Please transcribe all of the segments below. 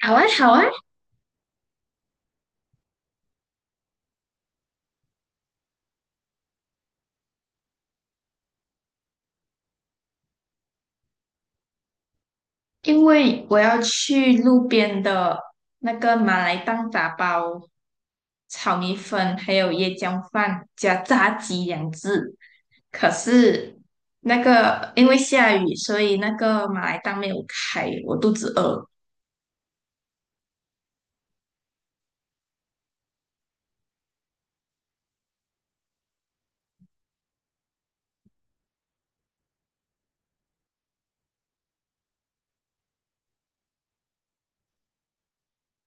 好啊，好啊，因为我要去路边的那个马来档打包炒米粉，还有椰浆饭加炸鸡两只。可是因为下雨，所以那个马来档没有开，我肚子饿，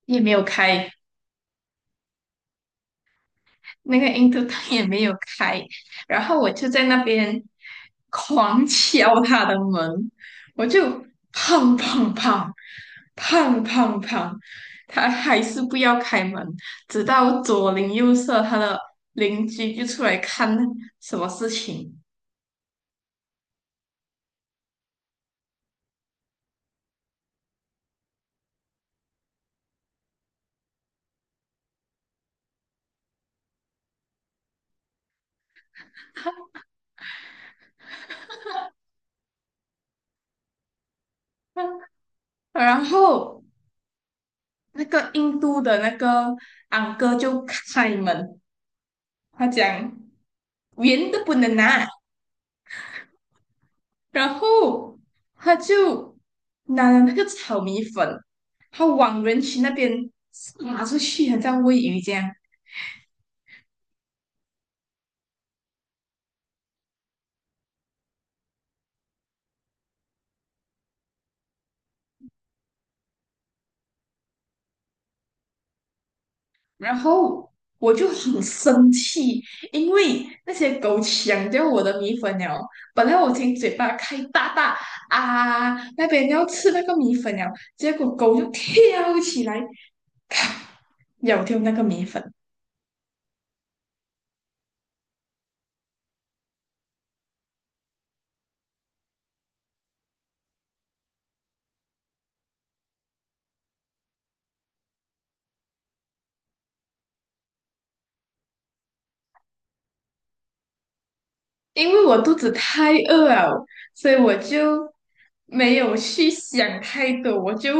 也没有开。那个印度他也没有开，然后我就在那边狂敲他的门，我就砰砰砰砰砰砰，他还是不要开门，直到左邻右舍他的邻居就出来看什么事情。嗯，然后那个印度的那个昂哥就开门，他讲圆的不能拿，然后他就拿了那个炒米粉，他往人群那边撒出去，很像喂鱼这样。然后我就很生气，因为那些狗抢掉我的米粉了。本来我已经嘴巴开大大啊，那边要吃那个米粉了，结果狗就跳起来咬掉那个米粉。因为我肚子太饿了，所以我就没有去想太多，我就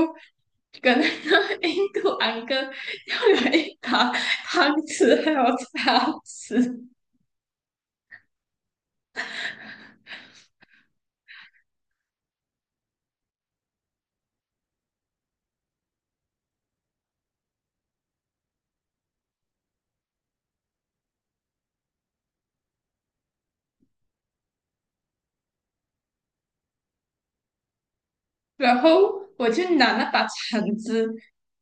跟那个 印度安哥要了一把汤匙还有叉匙，然后我就拿那把铲子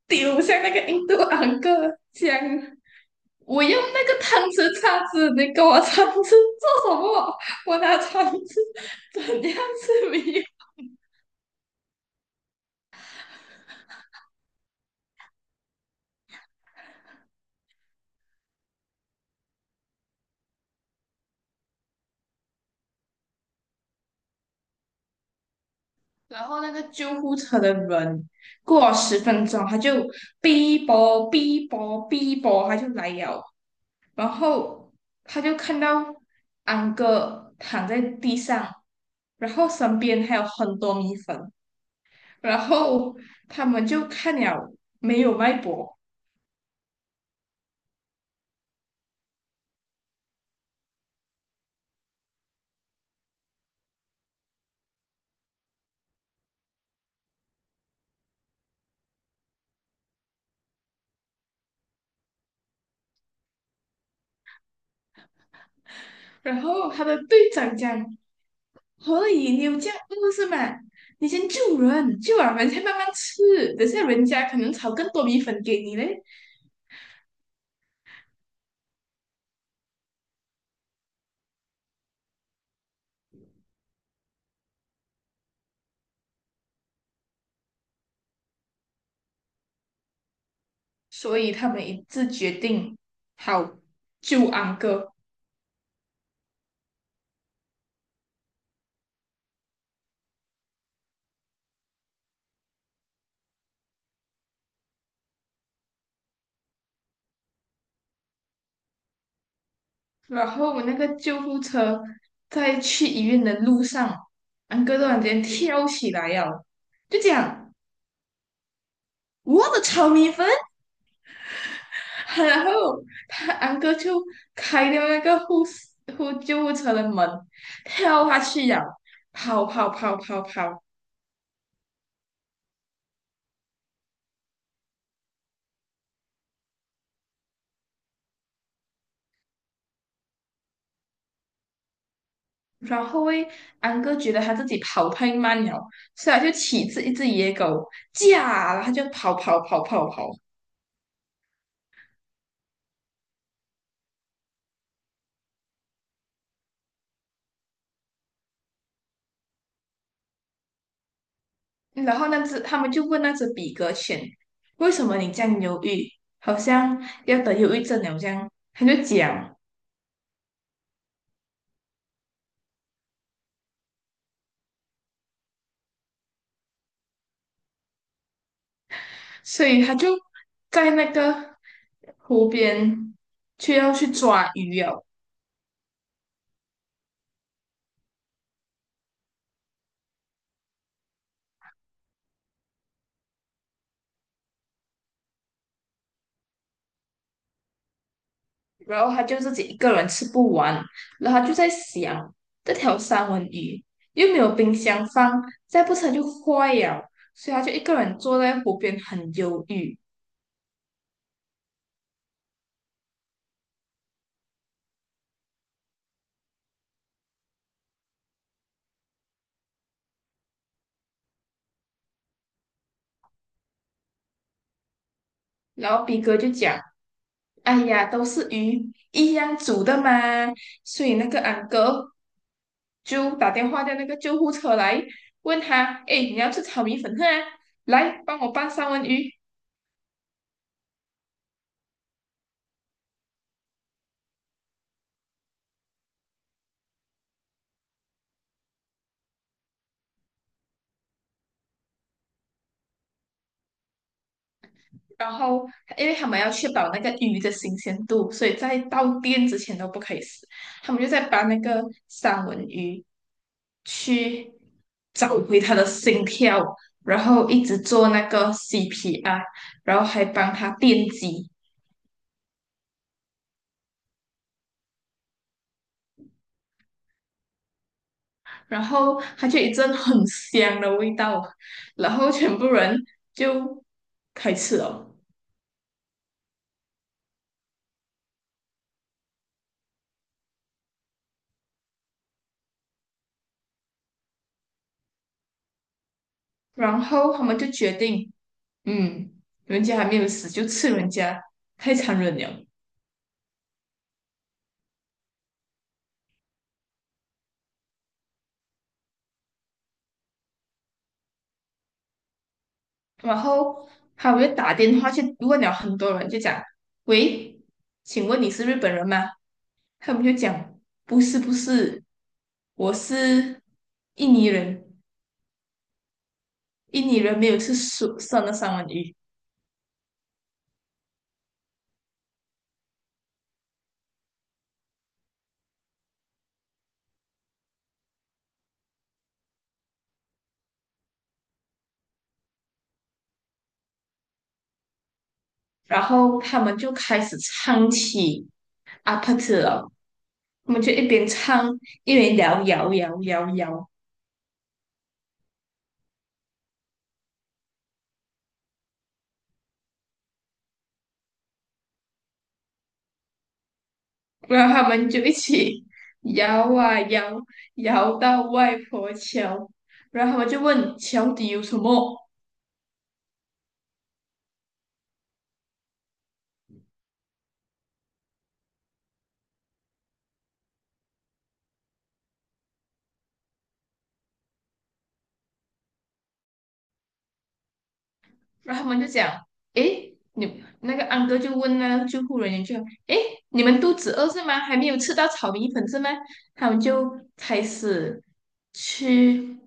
丢向那个印度安哥，讲我用那个汤匙叉子，你给我铲子做什么？我拿铲子 怎样是没然后那个救护车的人过了10分钟，他就哔啵哔啵哔啵，他就来了。然后他就看到安哥躺在地上，然后身边还有很多米粉。然后他们就看了没有脉搏，然后他的队长讲：“可以，你有这样饿是吗？你先救人，救完人再慢慢吃。等下人家可能炒更多米粉给你嘞。”所以他们一致决定好救安哥。然后我那个救护车在去医院的路上，安哥突然间跳起来呀，就讲我的炒米粉。然后他安哥就开掉那个护士护救护车的门，跳下去呀，跑跑跑跑跑。然后诶，安哥觉得他自己跑太慢了，所以他就骑着一只野狗，驾，然后他就跑跑跑跑跑。然后那只他们就问那只比格犬，为什么你这样犹豫，好像要得忧郁症了这样，他就讲，所以他就在那个湖边却要去抓鱼哦，然后他就自己一个人吃不完，然后他就在想，这条三文鱼又没有冰箱放，再不成就坏了，所以他就一个人坐在湖边很忧郁，然后比格就讲。哎呀，都是鱼一样煮的嘛，所以那个俺哥就打电话叫那个救护车来，问他，哎，你要吃炒米粉啊？来，帮我拌三文鱼。然后，因为他们要确保那个鱼的新鲜度，所以在到店之前都不可以死。他们就在把那个三文鱼去找回他的心跳，然后一直做那个 CPR，然后还帮他电击。然后它就一阵很香的味道，然后全部人就开吃了，然后他们就决定，嗯，人家还没有死就吃人家，太残忍了。然后他们就打电话去问了很多人，就讲，喂，请问你是日本人吗？他们就讲，不是不是，我是印尼人，印尼人没有吃熟生的三文鱼。然后他们就开始唱起阿帕特了，他们就一边唱一边摇摇摇摇摇，然后他们就一起摇啊摇，摇到外婆桥，然后他们就问桥底有什么，然后他们就讲，诶，你那个安哥就问那个救护人员就，诶，你们肚子饿是吗？还没有吃到炒米粉是吗？他们就开始去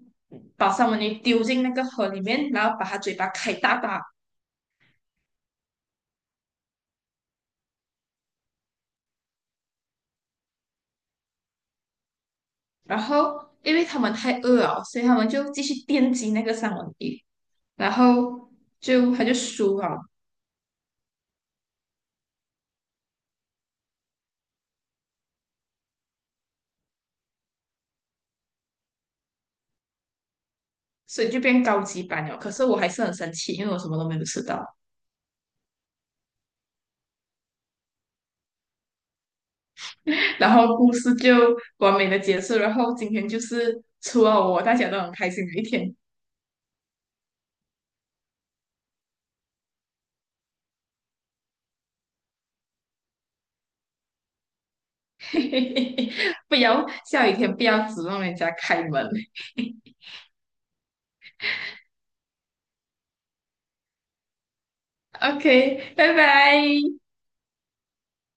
把三文鱼丢进那个河里面，然后把它嘴巴开大大，然后因为他们太饿了，所以他们就继续电击那个三文鱼，然后他就输了，所以就变高级版了。可是我还是很生气，因为我什么都没有吃到。然后故事就完美的结束，然后今天就是除了我，大家都很开心的一天。嘿嘿嘿，不要下雨天不要指望人家开门。OK，拜拜。